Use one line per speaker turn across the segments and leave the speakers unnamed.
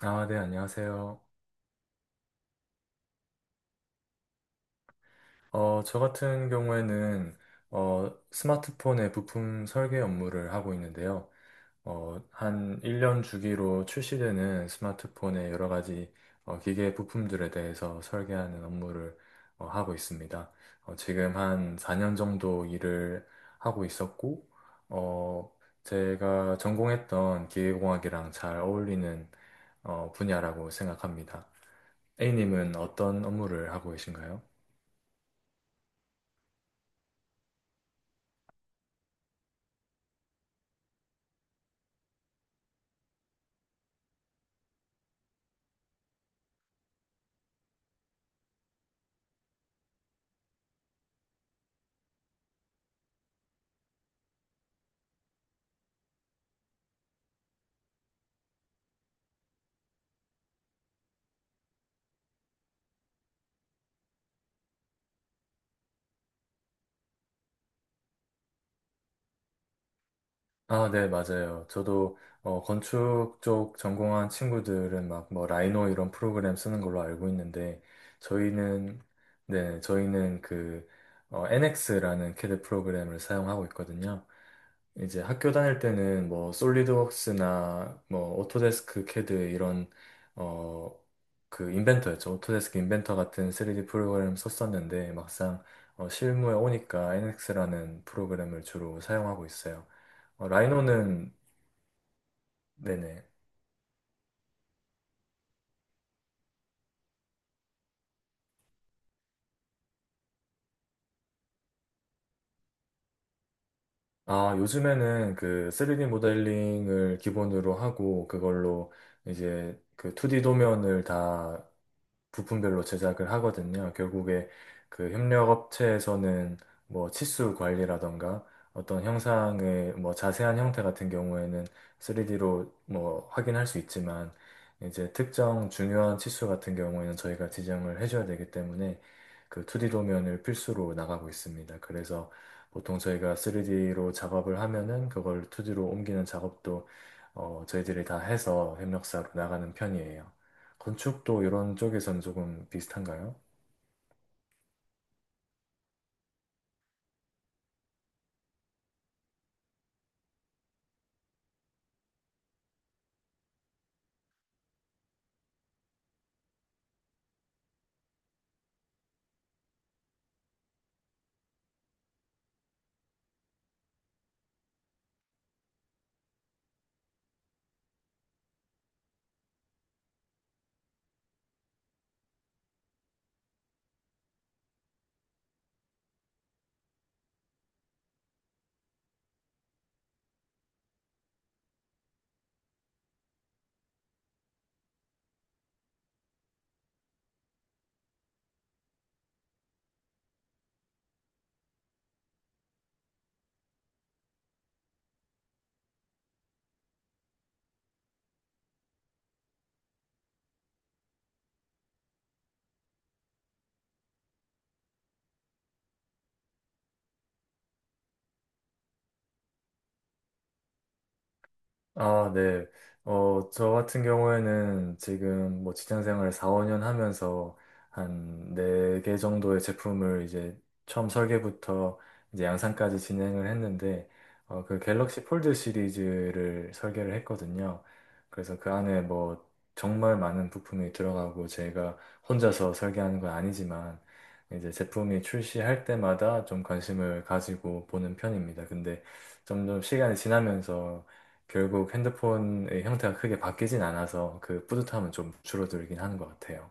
아, 네, 안녕하세요. 저 같은 경우에는 스마트폰의 부품 설계 업무를 하고 있는데요. 한 1년 주기로 출시되는 스마트폰의 여러 가지 기계 부품들에 대해서 설계하는 업무를 하고 있습니다. 지금 한 4년 정도 일을 하고 있었고, 어, 제가 전공했던 기계공학이랑 잘 어울리는 분야라고 생각합니다. A님은 어떤 업무를 하고 계신가요? 아, 네, 맞아요. 저도 건축 쪽 전공한 친구들은 막 뭐 라이노 이런 프로그램 쓰는 걸로 알고 있는데 저희는 네, 저희는 그 NX라는 캐드 프로그램을 사용하고 있거든요. 이제 학교 다닐 때는 뭐 솔리드웍스나 뭐 오토데스크 캐드 이런 어, 그 인벤터였죠. 오토데스크 인벤터 같은 3D 프로그램 썼었는데 막상 실무에 오니까 NX라는 프로그램을 주로 사용하고 있어요. 어, 라이노는, 네네. 아, 요즘에는 그 3D 모델링을 기본으로 하고 그걸로 이제 그 2D 도면을 다 부품별로 제작을 하거든요. 결국에 그 협력업체에서는 뭐 치수 관리라던가 어떤 형상의 뭐 자세한 형태 같은 경우에는 3D로 뭐 확인할 수 있지만 이제 특정 중요한 치수 같은 경우에는 저희가 지정을 해줘야 되기 때문에 그 2D 도면을 필수로 나가고 있습니다. 그래서 보통 저희가 3D로 작업을 하면은 그걸 2D로 옮기는 작업도 저희들이 다 해서 협력사로 나가는 편이에요. 건축도 이런 쪽에선 조금 비슷한가요? 아, 네. 저 같은 경우에는 지금 뭐 직장 생활 4, 5년 하면서 한 4개 정도의 제품을 이제 처음 설계부터 이제 양산까지 진행을 했는데, 그 갤럭시 폴드 시리즈를 설계를 했거든요. 그래서 그 안에 뭐 정말 많은 부품이 들어가고 제가 혼자서 설계하는 건 아니지만, 이제 제품이 출시할 때마다 좀 관심을 가지고 보는 편입니다. 근데 점점 시간이 지나면서 결국 핸드폰의 형태가 크게 바뀌진 않아서 그 뿌듯함은 좀 줄어들긴 하는 것 같아요.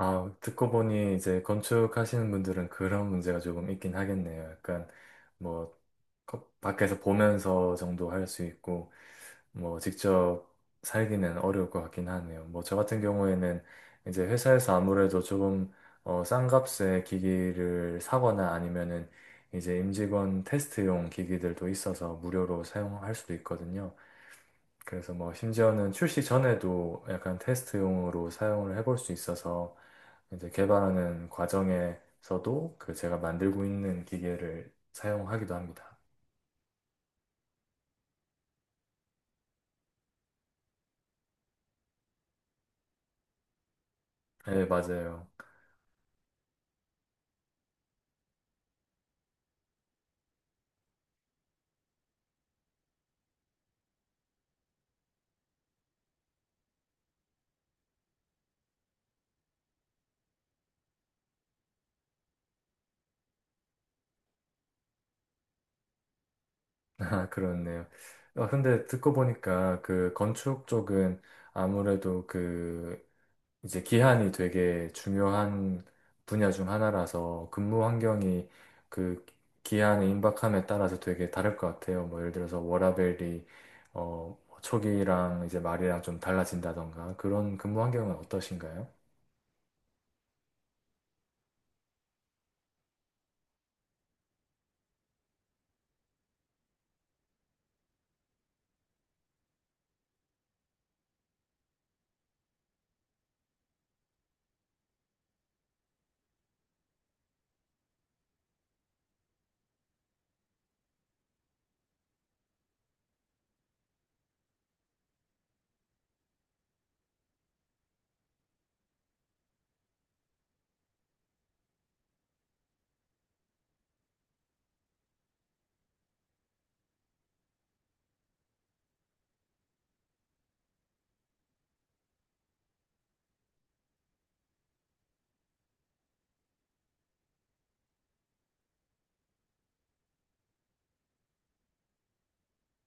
아, 듣고 보니 이제 건축하시는 분들은 그런 문제가 조금 있긴 하겠네요. 약간 뭐 밖에서 보면서 정도 할 수 있고 뭐 직접 살기는 어려울 것 같긴 하네요. 뭐 저 같은 경우에는 이제 회사에서 아무래도 조금 싼 값에 기기를 사거나 아니면은 이제 임직원 테스트용 기기들도 있어서 무료로 사용할 수도 있거든요. 그래서 뭐 심지어는 출시 전에도 약간 테스트용으로 사용을 해볼 수 있어서 이제 개발하는 과정에서도 그 제가 만들고 있는 기계를 사용하기도 합니다. 네, 맞아요. 아, 그렇네요. 근데 듣고 보니까 그 건축 쪽은 아무래도 그 이제 기한이 되게 중요한 분야 중 하나라서 근무 환경이 그 기한의 임박함에 따라서 되게 다를 것 같아요. 뭐 예를 들어서 워라밸이 초기랑 이제 말이랑 좀 달라진다던가 그런 근무 환경은 어떠신가요?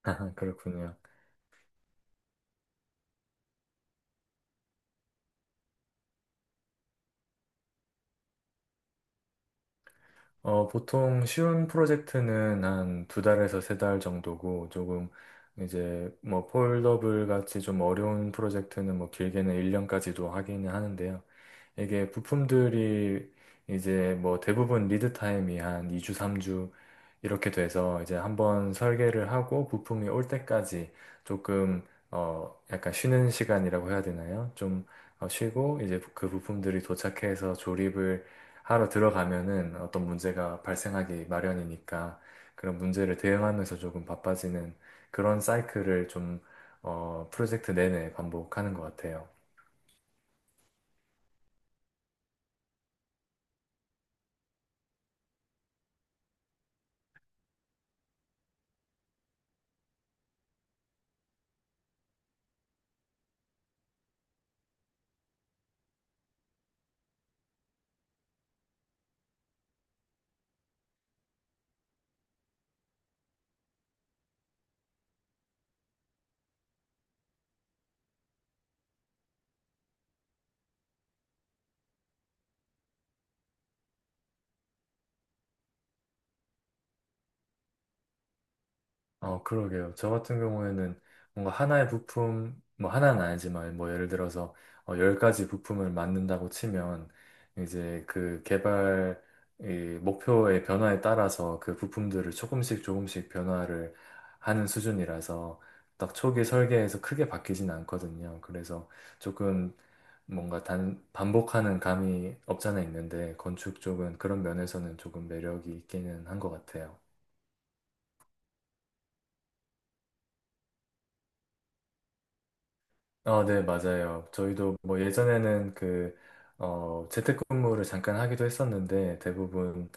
그렇군요. 보통 쉬운 프로젝트는 한 두 달에서 세 달 정도고, 조금 이제 뭐 폴더블 같이 좀 어려운 프로젝트는 뭐 길게는 1년까지도 하기는 하는데요. 이게 부품들이 이제 뭐 대부분 리드 타임이 한 2주, 3주 이렇게 돼서 이제 한번 설계를 하고 부품이 올 때까지 조금 약간 쉬는 시간이라고 해야 되나요? 좀 쉬고 이제 그 부품들이 도착해서 조립을 하러 들어가면은 어떤 문제가 발생하기 마련이니까 그런 문제를 대응하면서 조금 바빠지는 그런 사이클을 좀, 프로젝트 내내 반복하는 것 같아요. 그러게요. 저 같은 경우에는 뭔가 하나의 부품, 뭐 하나는 아니지만 뭐 예를 들어서 10가지 부품을 만든다고 치면 이제 그 개발 이 목표의 변화에 따라서 그 부품들을 조금씩 조금씩 변화를 하는 수준이라서 딱 초기 설계에서 크게 바뀌진 않거든요. 그래서 조금 뭔가 단, 반복하는 감이 없잖아 있는데 건축 쪽은 그런 면에서는 조금 매력이 있기는 한 것 같아요. 아, 네, 맞아요. 저희도 뭐 예전에는 재택근무를 잠깐 하기도 했었는데 대부분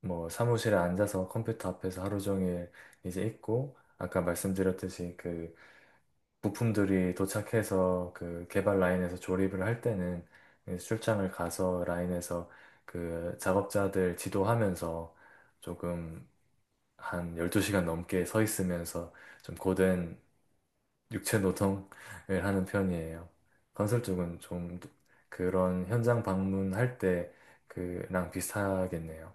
뭐 사무실에 앉아서 컴퓨터 앞에서 하루 종일 이제 있고 아까 말씀드렸듯이 그 부품들이 도착해서 그 개발 라인에서 조립을 할 때는 이제 출장을 가서 라인에서 그 작업자들 지도하면서 조금 한 12시간 넘게 서 있으면서 좀 고된 육체 노동을 하는 편이에요. 건설 쪽은 좀 그런 현장 방문할 때 그랑 비슷하겠네요.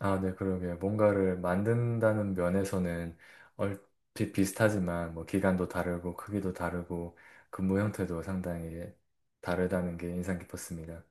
아, 네, 그러게요. 뭔가를 만든다는 면에서는 얼핏 비슷하지만 뭐 기간도 다르고 크기도 다르고 근무 형태도 상당히 다르다는 게 인상 깊었습니다.